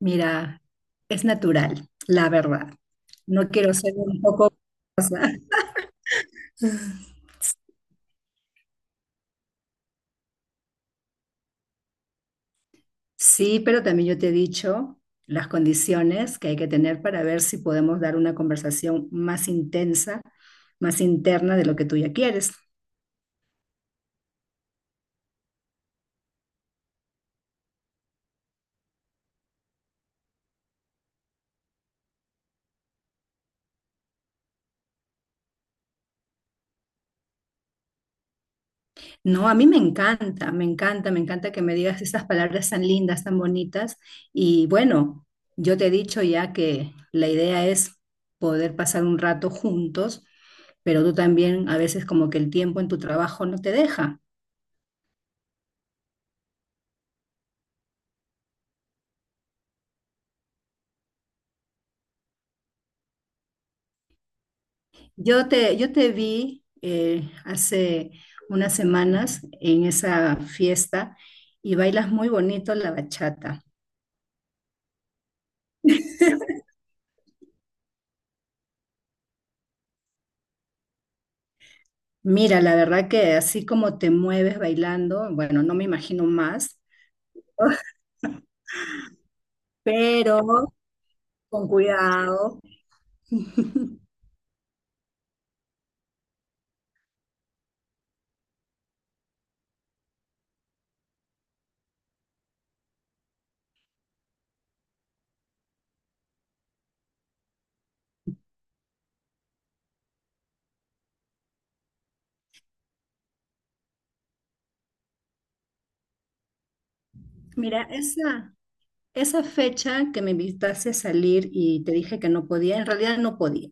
Mira, es natural, la verdad. No quiero ser un poco... cosa. Sí, pero también yo te he dicho las condiciones que hay que tener para ver si podemos dar una conversación más intensa, más interna de lo que tú ya quieres. No, a mí me encanta, me encanta, me encanta que me digas estas palabras tan lindas, tan bonitas. Y bueno, yo te he dicho ya que la idea es poder pasar un rato juntos, pero tú también a veces como que el tiempo en tu trabajo no te deja. Yo te vi hace unas semanas en esa fiesta y bailas muy bonito la bachata. Mira, la verdad que así como te mueves bailando, bueno, no me imagino más, pero con cuidado. Mira, esa fecha que me invitaste a salir y te dije que no podía, en realidad no podía,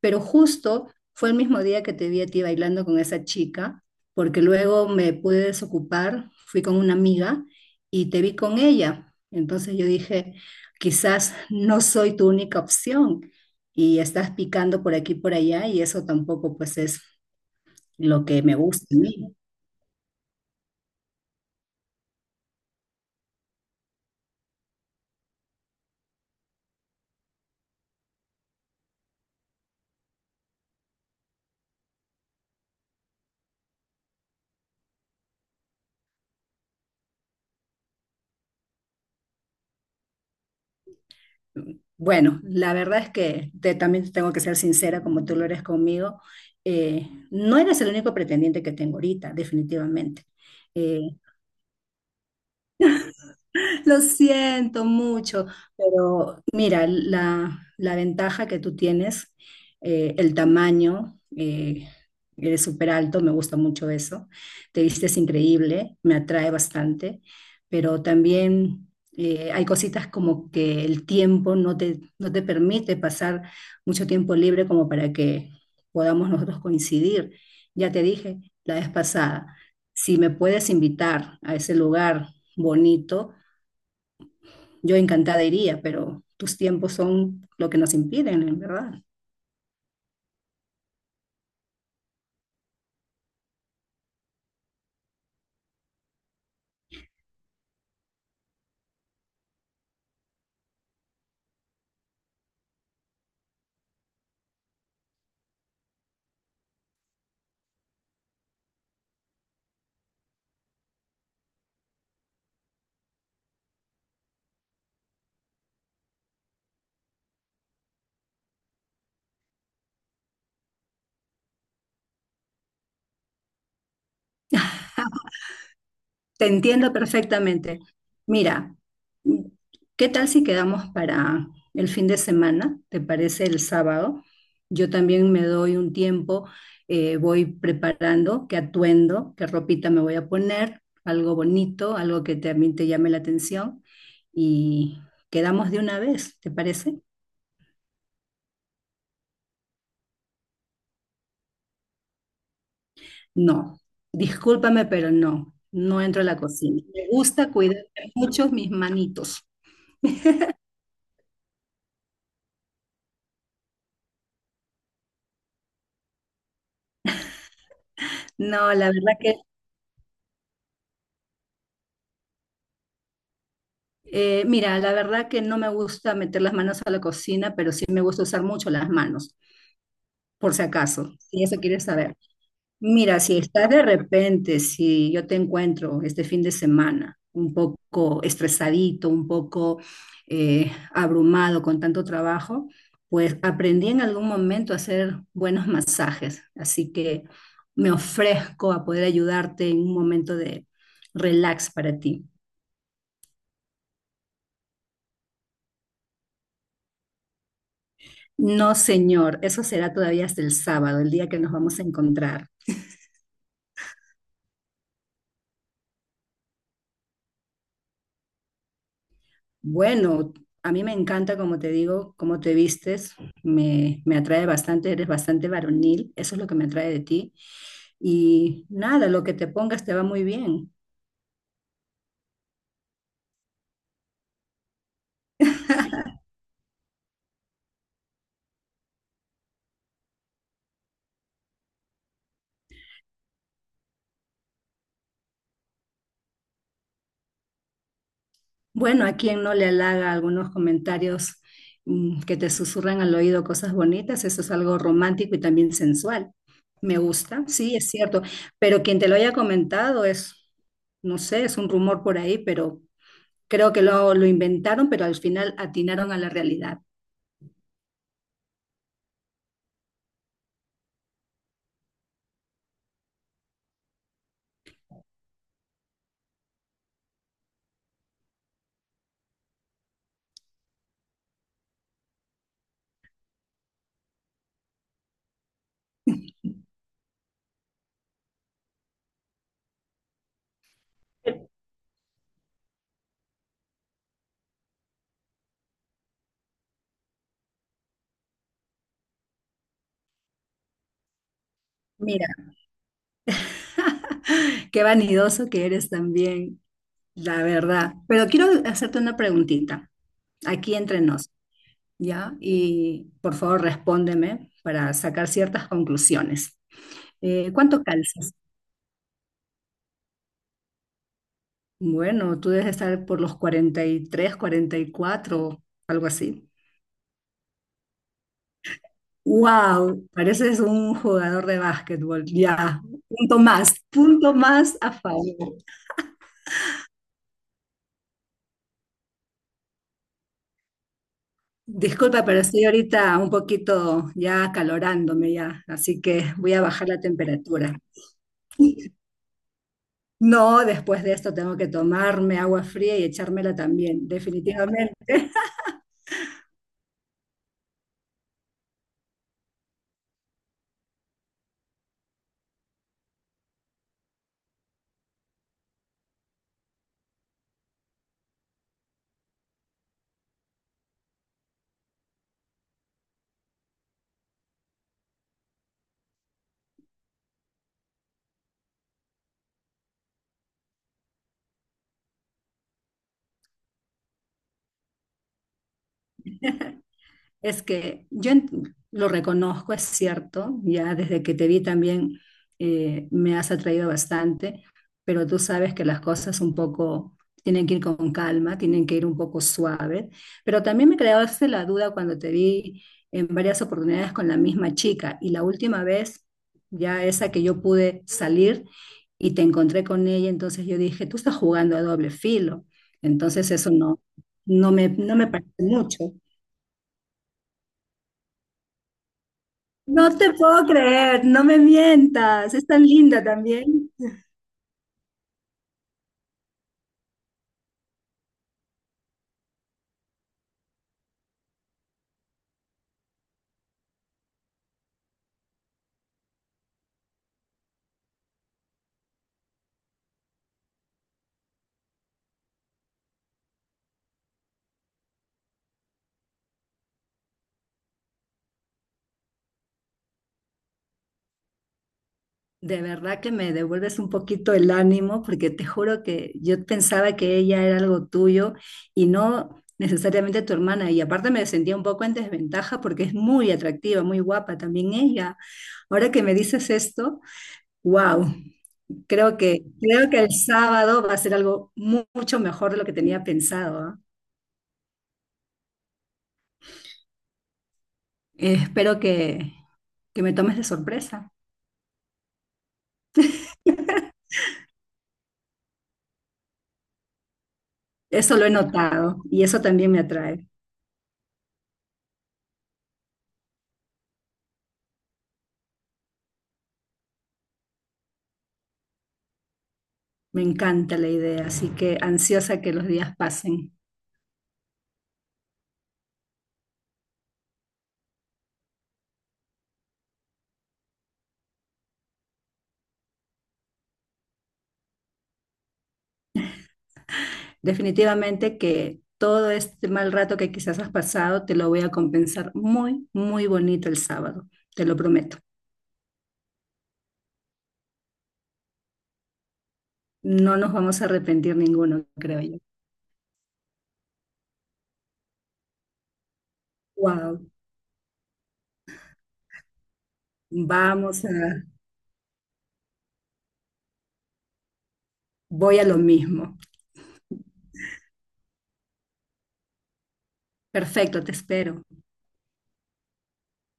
pero justo fue el mismo día que te vi a ti bailando con esa chica, porque luego me pude desocupar, fui con una amiga y te vi con ella. Entonces yo dije, quizás no soy tu única opción y estás picando por aquí y por allá, y eso tampoco pues es lo que me gusta a mí. Bueno, la verdad es que también tengo que ser sincera como tú lo eres conmigo. Eh, no eres el único pretendiente que tengo ahorita, definitivamente. Eh, Lo siento mucho, pero mira, la ventaja que tú tienes, el tamaño, eres súper alto, me gusta mucho eso, te vistes increíble, me atrae bastante, pero también hay cositas como que el tiempo no te permite pasar mucho tiempo libre como para que podamos nosotros coincidir. Ya te dije la vez pasada, si me puedes invitar a ese lugar bonito, yo encantada iría, pero tus tiempos son lo que nos impiden, en verdad. Te entiendo perfectamente. Mira, ¿qué tal si quedamos para el fin de semana? ¿Te parece el sábado? Yo también me doy un tiempo, voy preparando qué atuendo, qué ropita me voy a poner, algo bonito, algo que también te llame la atención, y quedamos de una vez, ¿te parece? No, discúlpame, pero no, no entro a la cocina. Me gusta cuidar mucho mis manitos. No, la verdad que, mira, la verdad que no me gusta meter las manos a la cocina, pero sí me gusta usar mucho las manos, por si acaso, si eso quieres saber. Mira, si estás de repente, si yo te encuentro este fin de semana un poco estresadito, un poco abrumado con tanto trabajo, pues aprendí en algún momento a hacer buenos masajes. Así que me ofrezco a poder ayudarte en un momento de relax para ti. No, señor, eso será todavía hasta el sábado, el día que nos vamos a encontrar. Bueno, a mí me encanta, como te digo, cómo te vistes, me atrae bastante, eres bastante varonil, eso es lo que me atrae de ti. Y nada, lo que te pongas te va muy bien. Bueno, a quien no le halaga algunos comentarios que te susurran al oído cosas bonitas, eso es algo romántico y también sensual. Me gusta, sí, es cierto, pero quien te lo haya comentado es, no sé, es un rumor por ahí, pero creo que lo inventaron, pero al final atinaron a la realidad. Mira. Qué vanidoso que eres también, la verdad. Pero quiero hacerte una preguntita, aquí entre nos, ¿ya? Y por favor respóndeme para sacar ciertas conclusiones. ¿Cuánto calzas? Bueno, tú debes estar por los cuarenta, cuarenta y tres, cuarenta y cuatro, algo así. ¡Wow! Pareces un jugador de básquetbol. Ya, punto más a favor. Disculpa, pero estoy ahorita un poquito ya acalorándome ya, así que voy a bajar la temperatura. No, después de esto tengo que tomarme agua fría y echármela también. Definitivamente. Es que yo lo reconozco, es cierto, ya desde que te vi también me has atraído bastante, pero tú sabes que las cosas un poco tienen que ir con calma, tienen que ir un poco suave, pero también me creaste la duda cuando te vi en varias oportunidades con la misma chica y la última vez, ya esa que yo pude salir y te encontré con ella, entonces yo dije, tú estás jugando a doble filo, entonces eso no, no me parece mucho. No te puedo creer, no me mientas, es tan linda también. De verdad que me devuelves un poquito el ánimo porque te juro que yo pensaba que ella era algo tuyo y no necesariamente tu hermana. Y aparte me sentía un poco en desventaja porque es muy atractiva, muy guapa también ella. Ahora que me dices esto, wow, creo que el sábado va a ser algo mucho mejor de lo que tenía pensado, ¿ah? Espero que me tomes de sorpresa. Eso lo he notado y eso también me atrae. Me encanta la idea, así que ansiosa que los días pasen. Definitivamente que todo este mal rato que quizás has pasado te lo voy a compensar muy, muy bonito el sábado, te lo prometo. No nos vamos a arrepentir ninguno, creo yo. Wow, vamos a, voy a lo mismo. Perfecto, te espero.